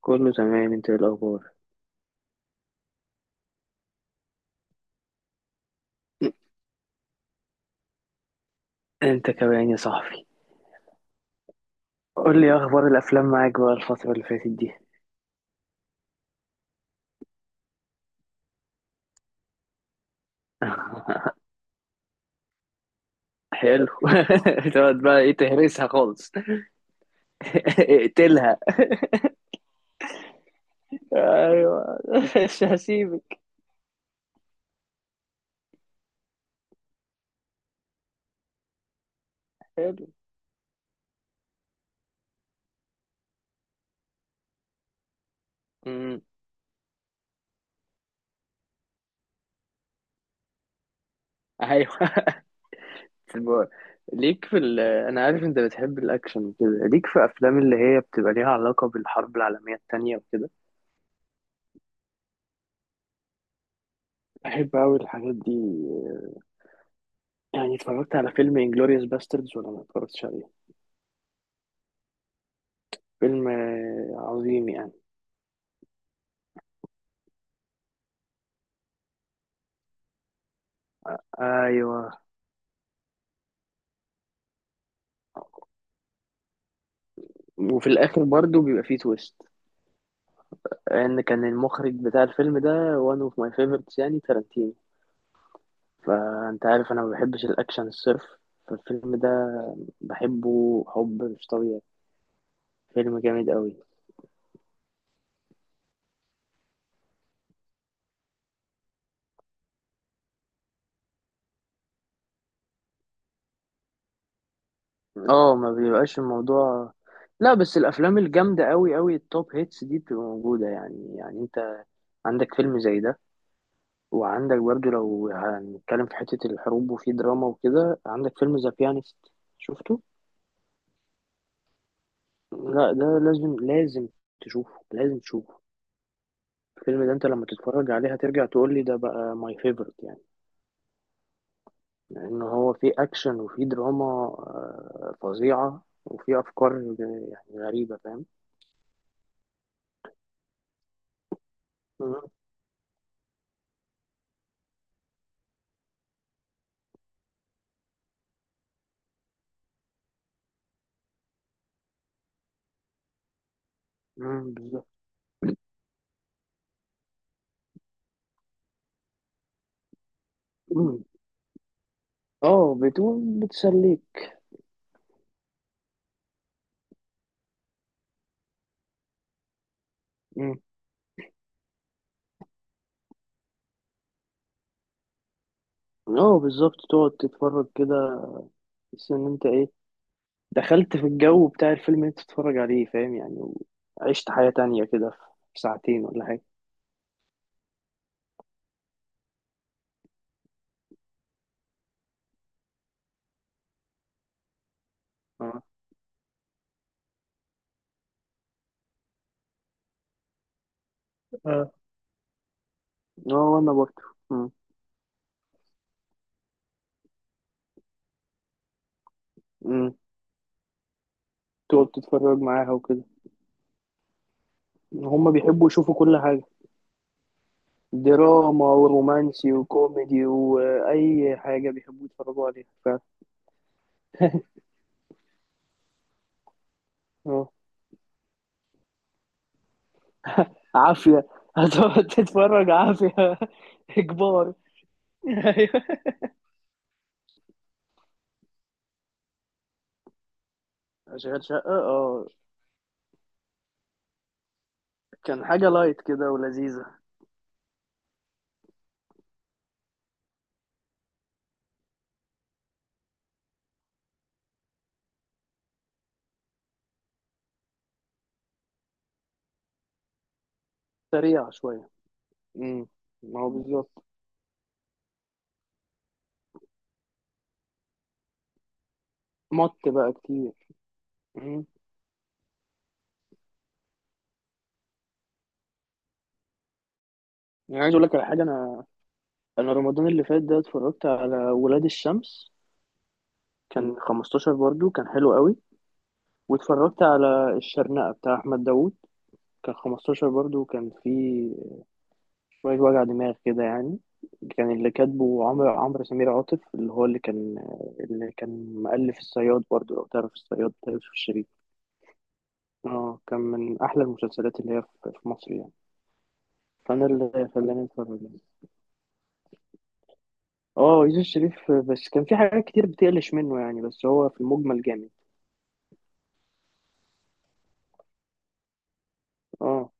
كله تمام. انت ايه الاخبار؟ انت كمان يا صاحبي. قول لي إيه اخبار الافلام معاك بقى الفتره اللي فاتت دي؟ حلو. تقعد بقى ايه؟ تهرسها خالص. اقتلها. ايوه. مش هسيبك. حلو. امم. ايوه. في الب- انا عارف انت بتحب الاكشن وكده، ليك في افلام اللي هي بتبقى ليها علاقه بالحرب العالميه التانية وكده. بحب أوي الحاجات دي. يعني اتفرجت على فيلم انجلوريوس باستردز ولا ما اتفرجتش؟ فيلم عظيم يعني. ايوه. وفي الاخر برضو بيبقى فيه تويست. ان كان المخرج بتاع الفيلم ده وان اوف ماي فيفورتس يعني تارانتينو. فانت عارف انا ما بحبش الاكشن الصرف. فالفيلم ده بحبه حب مش طبيعي. فيلم جامد قوي. اه، ما بيبقاش الموضوع. لا، بس الافلام الجامده قوي قوي التوب هيتس دي بتبقى موجوده يعني يعني انت عندك فيلم زي ده. وعندك برضو لو هنتكلم في حته الحروب وفي دراما وكده، عندك فيلم ذا بيانست. شفته؟ لا ده لازم لازم، تشوفه لازم تشوفه. الفيلم ده انت لما تتفرج عليه هترجع تقول لي ده بقى ماي فيفورت يعني. لان هو فيه اكشن وفيه دراما فظيعة وفيه افكار يعني غريبة، فاهم. مم. مم، بالظبط. مم. اه، بتقول بتسليك. مم. اه، بالظبط، تقعد تتفرج كده. تحس ان انت ايه؟ دخلت في الجو بتاع الفيلم اللي انت تتفرج عليه، فاهم يعني. وعشت حياة تانية كده. في ساعتين ولا حاجة. اه. اه. آه، وانا برضه. مم. تقعد تتفرج معاها وكده. هما بيحبوا يشوفوا كل حاجة. دراما ورومانسي وكوميدي وأي حاجة بيحبوا يتفرجوا عليها فعلا. اه، عافية. هتقعد تتفرج عافية. إجبار. أيوة. أشغال شقة، اه. كان حاجة لايت كده ولذيذة. سريعة شوية. امم. ما هو بالظبط. مط بقى كتير. امم. يعني عايز أقول لك على حاجة. أنا رمضان اللي فات ده اتفرجت على ولاد الشمس. كان 15 برضو، كان حلو قوي. واتفرجت على الشرنقة بتاع أحمد داوود. كان 15 برضو، كان فيه شوية وجع دماغ كده يعني. كان اللي كاتبه عمرو سمير عاطف، اللي هو اللي كان مؤلف الصياد برضو، لو تعرف الصياد بتاع يوسف الشريف. اه، كان من أحلى المسلسلات اللي هي في مصر يعني. فأنا اللي خلاني أتفرج يعني. اه، يوسف الشريف بس كان في حاجات كتير بتقلش منه يعني، بس هو في المجمل جامد. اه،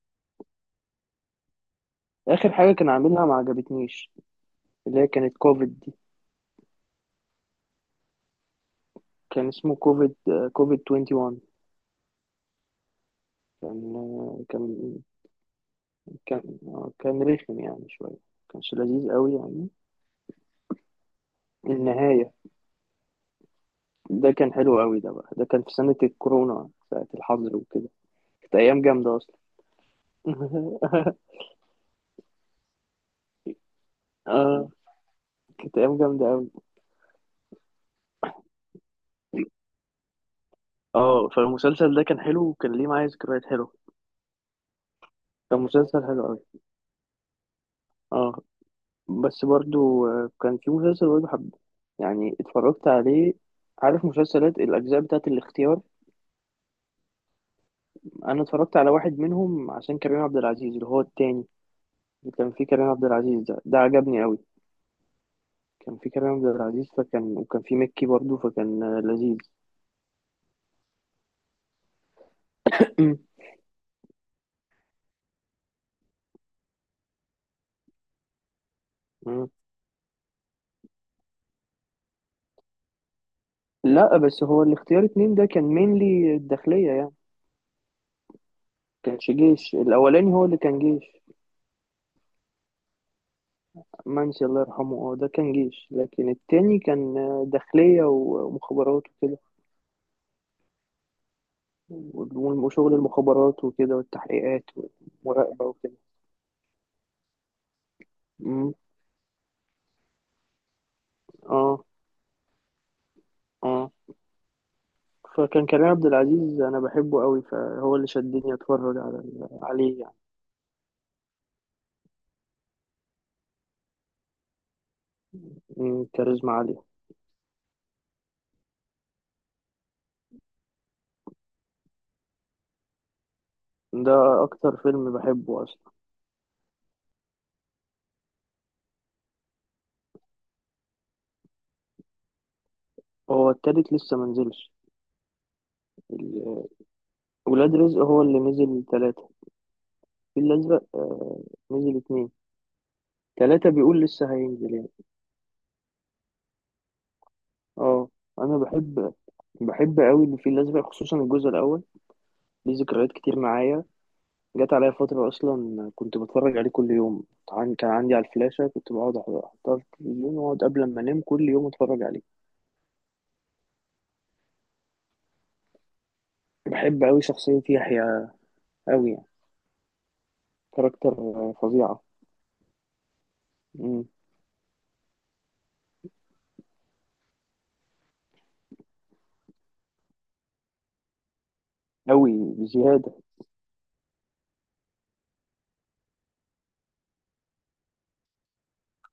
آخر حاجة كان عاملها ما عجبتنيش. اللي هي كانت كوفيد دي. كان اسمه كوفيد. كوفيد 21. كان كان كان رخم يعني شوية. كانش لذيذ قوي يعني. النهاية. ده كان حلو قوي، ده بقى ده كان في سنة الكورونا ساعة الحظر وكده. كانت أيام جامدة أصلا. اه، كانت أيام جامدة قوي. اه، فالمسلسل ده كان حلو وكان ليه معايا ذكريات حلوة. كان مسلسل حلو قوي. اه. بس برضو كان في مسلسل برضو حب. يعني اتفرجت عليه. عارف مسلسلات الأجزاء بتاعت الاختيار؟ أنا اتفرجت على واحد منهم عشان كريم عبد العزيز، اللي هو التاني. كان في كريم عبد العزيز ده عجبني قوي. كان في كريم عبد العزيز فكان، وكان في مكي برضه فكان لذيذ. مم. لا، بس هو الاختيار اتنين ده كان مينلي الداخلية يعني. كانش جيش، الأولاني هو اللي كان جيش منسي، الله يرحمه، اه، ده كان جيش، لكن التاني كان داخلية ومخابرات وكده. وشغل المخابرات وكده والتحقيقات والمراقبة وكده. مم. اه، اه. فكان كريم عبد العزيز، أنا بحبه قوي، فهو اللي شدني أتفرج على عليه يعني. مم، كاريزما عالية. ده أكتر فيلم بحبه أصلا. هو التالت لسه منزلش. ال- ولاد رزق هو اللي نزل تلاتة. الفيل الأزرق نزل اتنين. تلاتة بيقول لسه هينزل يعني. اه. أنا بحب أوي الفيل الأزرق خصوصا الجزء الأول. ليه ذكريات كتير معايا. جت عليا فترة أصلا كنت بتفرج عليه كل يوم. كان عندي على الفلاشة كنت بقعد أحطها في التلفزيون، وأقعد قبل ما أنام كل يوم أتفرج عليه. بحب أوي شخصية يحيى أوي يعني. كاركتر فظيعة. مم. أوي، بزيادة.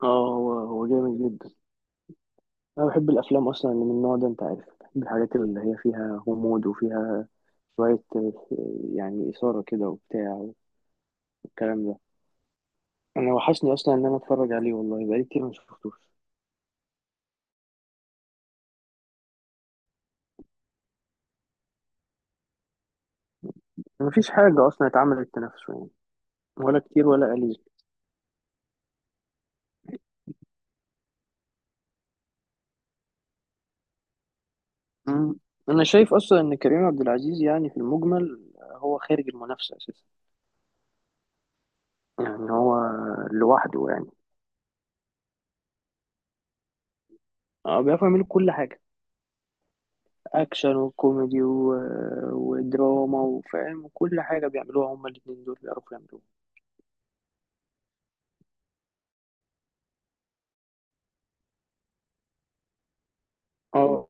اه، هو جامد جدا. أنا بحب الأفلام أصلا اللي من النوع ده، أنت عارف، بحب الحاجات اللي هي فيها غموض وفيها شوية يعني إثارة كده وبتاع، والكلام ده. أنا وحشني أصلا إن أنا أتفرج عليه، والله بقالي كتير ما شفتوش. مفيش حاجة أصلا اتعملت تنافسه يعني. ولا كتير ولا قليل. أمم. أنا شايف أصلا إن كريم عبد العزيز يعني في المجمل هو خارج المنافسة أساسا. يعني هو لوحده يعني. اه، بيعرف يعمل كل حاجة. اكشن وكوميدي ودراما وفاهم وكل حاجه بيعملوها، هما الاتنين دول بيعرفوا يعملوها. اه،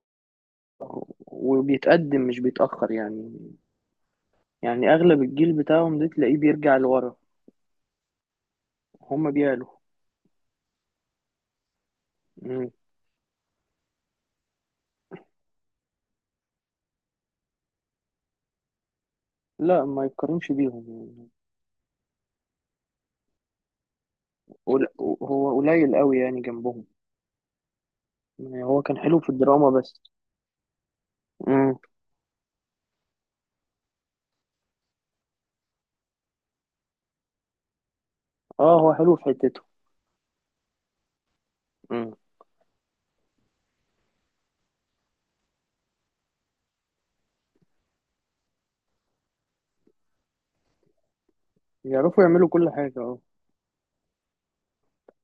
وبيتقدم مش بيتاخر يعني. يعني اغلب الجيل بتاعهم ده تلاقيه بيرجع لورا. هما بيعلوا. مم. لا، ما يتقارنش بيهم يعني. هو قليل قوي يعني جنبهم. يعني هو كان حلو في الدراما بس. مم. اه، هو حلو في حتته. مم. يعرفوا يعملوا كل حاجه، اه.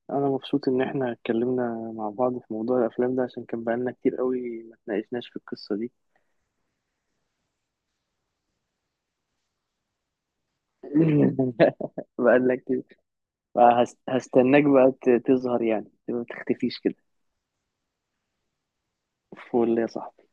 انا مبسوط ان احنا اتكلمنا مع بعض في موضوع الافلام ده، عشان كان بقالنا كتير قوي ما اتناقشناش في القصة دي. بقالنا كتير. هستناك بقى تظهر يعني ما تختفيش كده. فول يا صاحبي.